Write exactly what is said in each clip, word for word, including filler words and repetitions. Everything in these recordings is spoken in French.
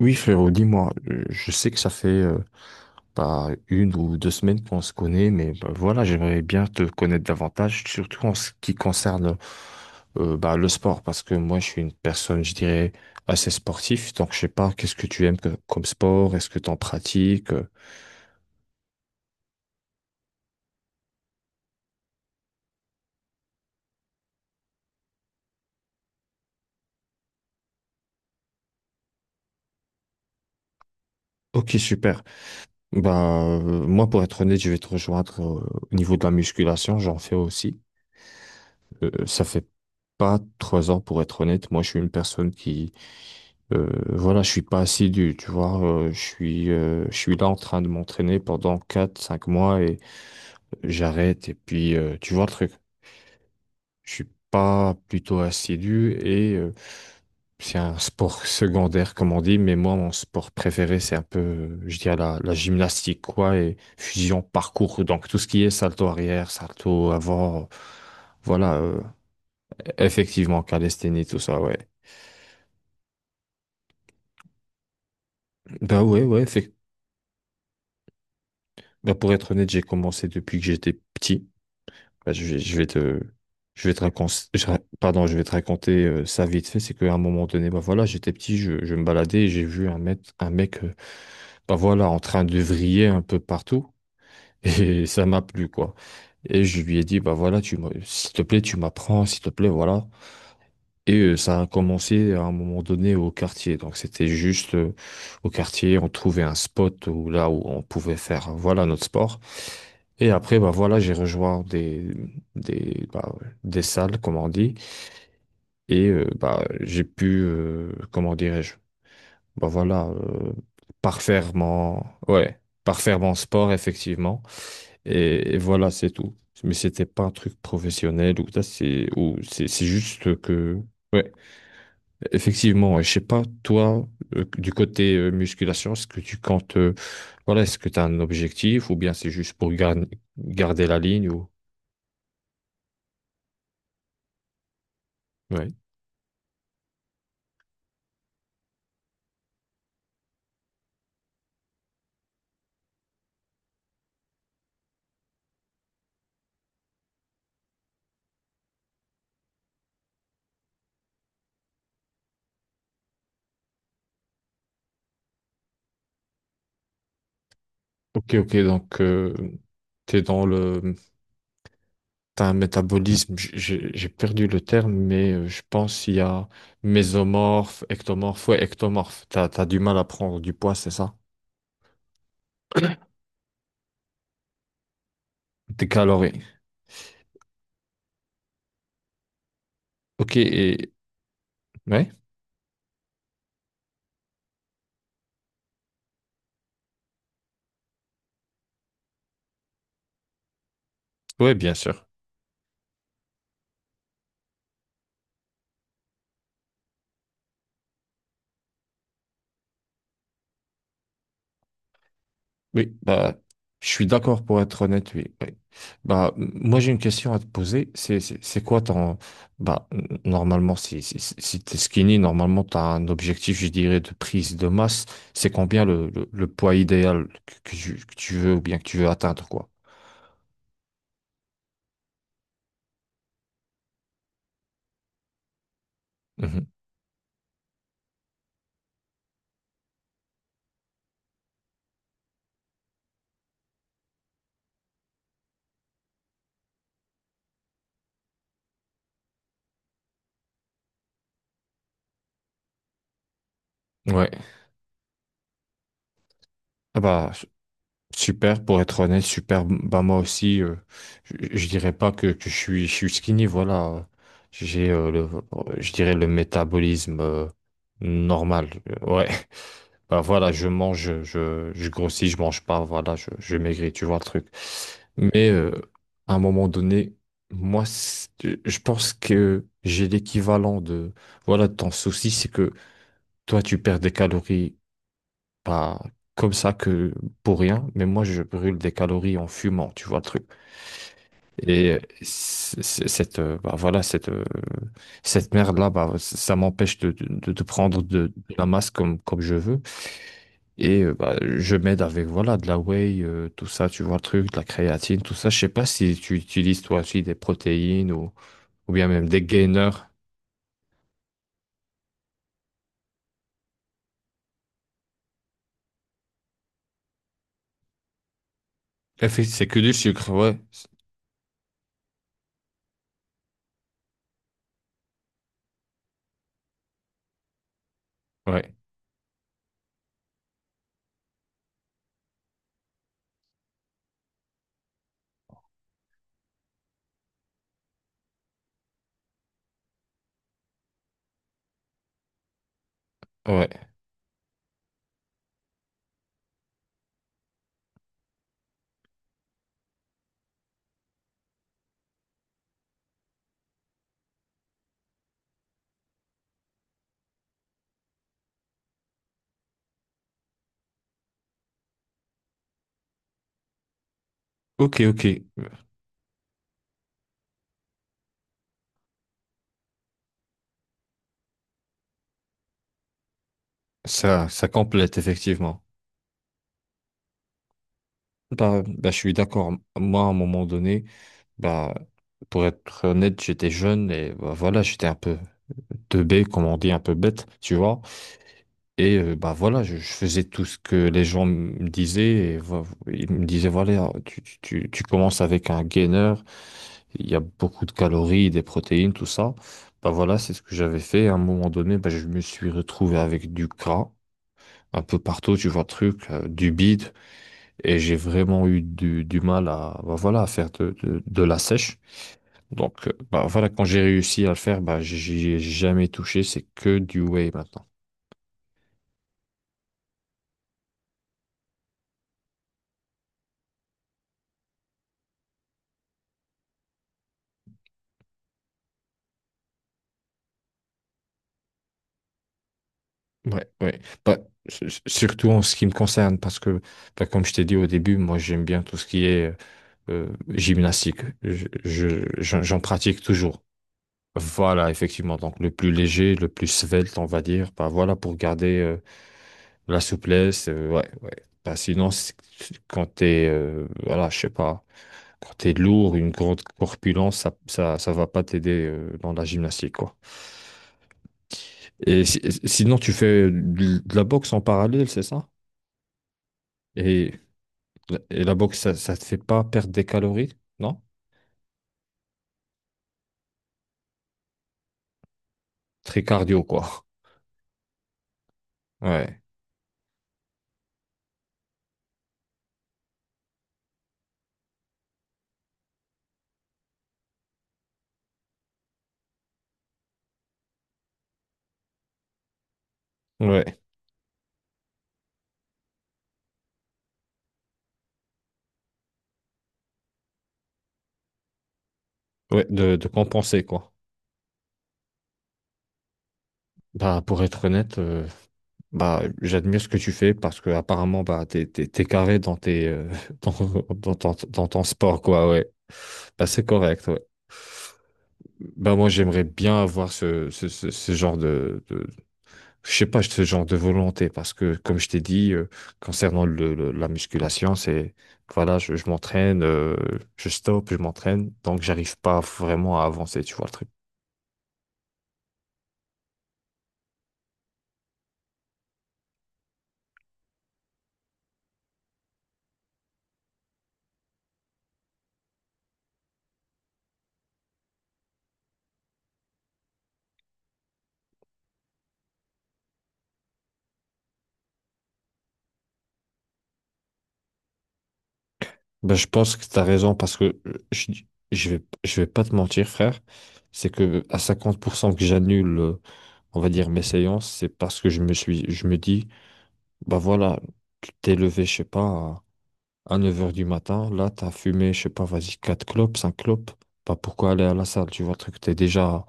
Oui, frérot, dis-moi, euh, je sais que ça fait euh, bah, une ou deux semaines qu'on se connaît, mais bah, voilà, j'aimerais bien te connaître davantage, surtout en ce qui concerne euh, bah, le sport, parce que moi, je suis une personne, je dirais, assez sportive. Donc je sais pas, qu'est-ce que tu aimes que- comme sport, est-ce que tu en pratiques? euh. Ok, super. Bah, euh, moi, pour être honnête, je vais te rejoindre euh, au niveau de la musculation, j'en fais aussi. Euh, ça fait pas trois ans. Pour être honnête, moi, je suis une personne qui Euh, voilà, je suis pas assidu, tu vois. euh, je suis, euh, je suis là en train de m'entraîner pendant quatre cinq mois et j'arrête. Et puis, euh, tu vois le truc. Je suis pas plutôt assidu et euh, c'est un sport secondaire, comme on dit. Mais moi, mon sport préféré, c'est un peu, euh, je dirais, la, la gymnastique, quoi, et fusion parcours. Donc, tout ce qui est salto arrière, salto avant. Voilà, euh, effectivement, calisthénie, tout ça, ouais. Bah ouais, ouais, effec- bah, pour être honnête, j'ai commencé depuis que j'étais petit. Bah, je vais, je vais te, je vais te raconter, pardon, je vais te raconter euh, ça vite fait. C'est qu'à un moment donné, bah voilà, j'étais petit, je, je me baladais et j'ai vu un mec, un mec, euh, bah voilà, en train de vriller un peu partout et ça m'a plu quoi. Et je lui ai dit, bah voilà, tu me- s'il te plaît, tu m'apprends, s'il te plaît, voilà. Et euh, ça a commencé à un moment donné au quartier. Donc c'était juste euh, au quartier, on trouvait un spot où, là où on pouvait faire euh, voilà notre sport. Et après, bah voilà, j'ai rejoint des, des, bah, des salles, comme on dit. Et euh, bah, j'ai pu, euh, comment dirais-je, bah voilà, euh, parfaire mon, ouais, parfaire mon sport, effectivement. Et, et voilà, c'est tout. Mais c'était pas un truc professionnel ou ça, c'est, ou c'est c'est juste que, ouais. Effectivement. Et je sais pas, toi, euh, du côté euh, musculation, est-ce que tu comptes, euh, voilà, est-ce que tu as un objectif ou bien c'est juste pour gar- garder la ligne ou... Ouais. Ok, ok, donc euh, t'es dans le... T'as un métabolisme, j- j'ai j'ai perdu le terme, mais euh, je pense qu'il y a mésomorphe, ectomorphe, ouais, ectomorphe. T'as, t'as du mal à prendre du poids, c'est ça? Des calories. Ok, et... Ouais, ouais, bien sûr. Oui, bah, je suis d'accord pour être honnête. Oui. Oui. Bah, m- moi, j'ai une question à te poser. C'est, c'est, c'est quoi ton... Bah, n- normalement, si, si, si si t'es skinny, normalement, t'as un objectif, je dirais, de prise de masse. C'est combien le, le, le poids idéal que, que tu, que tu veux ou bien que tu veux atteindre, quoi? Mhm. Ouais. Ah bah, super, pour être honnête, super. Bah moi aussi, euh, je, je dirais pas que, que je suis, je suis skinny, voilà. J'ai, euh, le, je dirais le métabolisme euh, normal. Euh, Ouais, bah voilà, je mange, je, je grossis, je mange pas, voilà, je, je maigris, tu vois le truc. Mais euh, à un moment donné, moi, c'est- je pense que j'ai l'équivalent de, voilà, de ton souci. C'est que toi, tu perds des calories pas comme ça que pour rien, mais moi je brûle des calories en fumant, tu vois le truc. Et c- c- cette euh, bah, voilà cette euh, cette merde là, bah, ça m'empêche de, de, de prendre de, de la masse comme comme je veux. Et euh, bah, je m'aide avec voilà de la whey, euh, tout ça, tu vois le truc, de la créatine, tout ça. Je sais pas si tu utilises toi aussi des protéines ou ou bien même des gainers. Effectivement, c'est que du sucre, ouais, ouais, ouais. Ok, ok, ça ça complète effectivement. Bah, bah, je suis d'accord. Moi, à un moment donné, bah, pour être honnête, j'étais jeune et bah, voilà, j'étais un peu teubé, comme on dit, un peu bête, tu vois. Et euh, bah voilà, je, je faisais tout ce que les gens me disaient. Et, vo- ils me disaient, voilà, tu, tu, tu tu commences avec un gainer, il y a beaucoup de calories, des protéines, tout ça. Bah voilà, c'est ce que j'avais fait. À un moment donné, bah, je me suis retrouvé avec du gras un peu partout, tu vois, le truc, euh, du bide. Et j'ai vraiment eu du, du mal à, bah voilà, à faire de, de, de la sèche. Donc, euh, bah voilà, quand j'ai réussi à le faire, bah, j'y ai jamais touché. C'est que du whey maintenant. Ouais, ouais. Bah, s- s- surtout en ce qui me concerne, parce que, bah, comme je t'ai dit au début, moi, j'aime bien tout ce qui est euh, gymnastique. Je, je- j'en j'en pratique toujours. Voilà, effectivement. Donc, le plus léger, le plus svelte, on va dire. Bah, voilà, pour garder euh, la souplesse. Euh, ouais, ouais. Bah, sinon, c'est- quand t'es, euh, voilà, je sais pas. Quand t'es lourd, une grande corpulence, ça, ça, ça va pas t'aider euh, dans la gymnastique, quoi. Et si- sinon, tu fais de de la boxe en parallèle, c'est ça? Et, et la boxe, ça, ça te fait pas perdre des calories, non? Très cardio, quoi. Ouais, ouais, ouais, de, de compenser, quoi. Bah, pour être honnête, euh, bah, j'admire ce que tu fais parce que apparemment, bah, t'es, t'es, t'es carré dans tes, euh, dans, dans ton, dans ton sport, quoi, ouais. Bah, c'est correct, ouais. Bah moi j'aimerais bien avoir ce, ce, ce, ce genre de, de je sais pas ce genre de volonté, parce que comme je t'ai dit euh, concernant le, le- la musculation, c'est voilà, je, je m'entraîne, euh, je stoppe, je m'entraîne, donc j'arrive pas vraiment à avancer, tu vois le truc. Bah je pense que t'as raison, parce que euh, je, je vais je vais pas te mentir, frère. C'est que à cinquante pour cent que j'annule, euh, on va dire, mes séances, c'est parce que je me suis je me dis bah voilà, tu t'es levé, je sais pas, à neuf heures du matin, là, t'as fumé, je sais pas, vas-y, quatre clopes, cinq clopes. Bah, pourquoi aller à la salle? Tu vois, le truc, t'es déjà.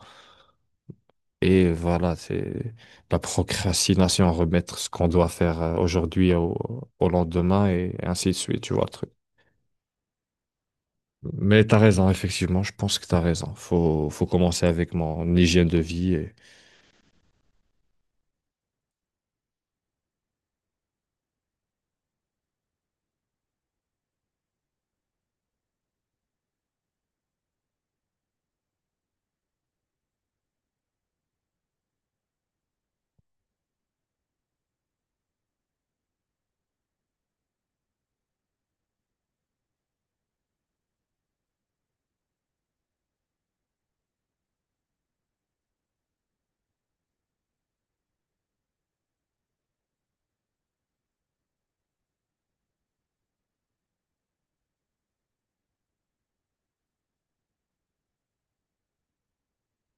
Et voilà, c'est la procrastination, remettre ce qu'on doit faire euh, aujourd'hui au, au lendemain et ainsi de suite, tu vois, le truc. Mais t'as raison, effectivement, je pense que t'as raison. Faut, faut commencer avec mon hygiène de vie. et-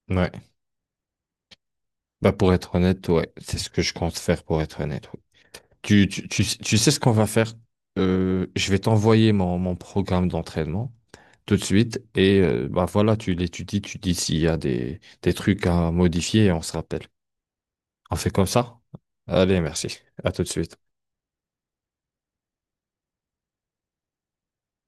Ouais. Bah, pour être honnête, ouais, c'est ce que je compte faire, pour être honnête. Ouais. Tu, tu, tu, tu sais ce qu'on va faire? Euh, je vais t'envoyer mon, mon programme d'entraînement tout de suite. Et euh, bah voilà, tu l'étudies, tu dis s'il y a des, des trucs à modifier et on se rappelle. On fait comme ça? Allez, merci. À tout de suite.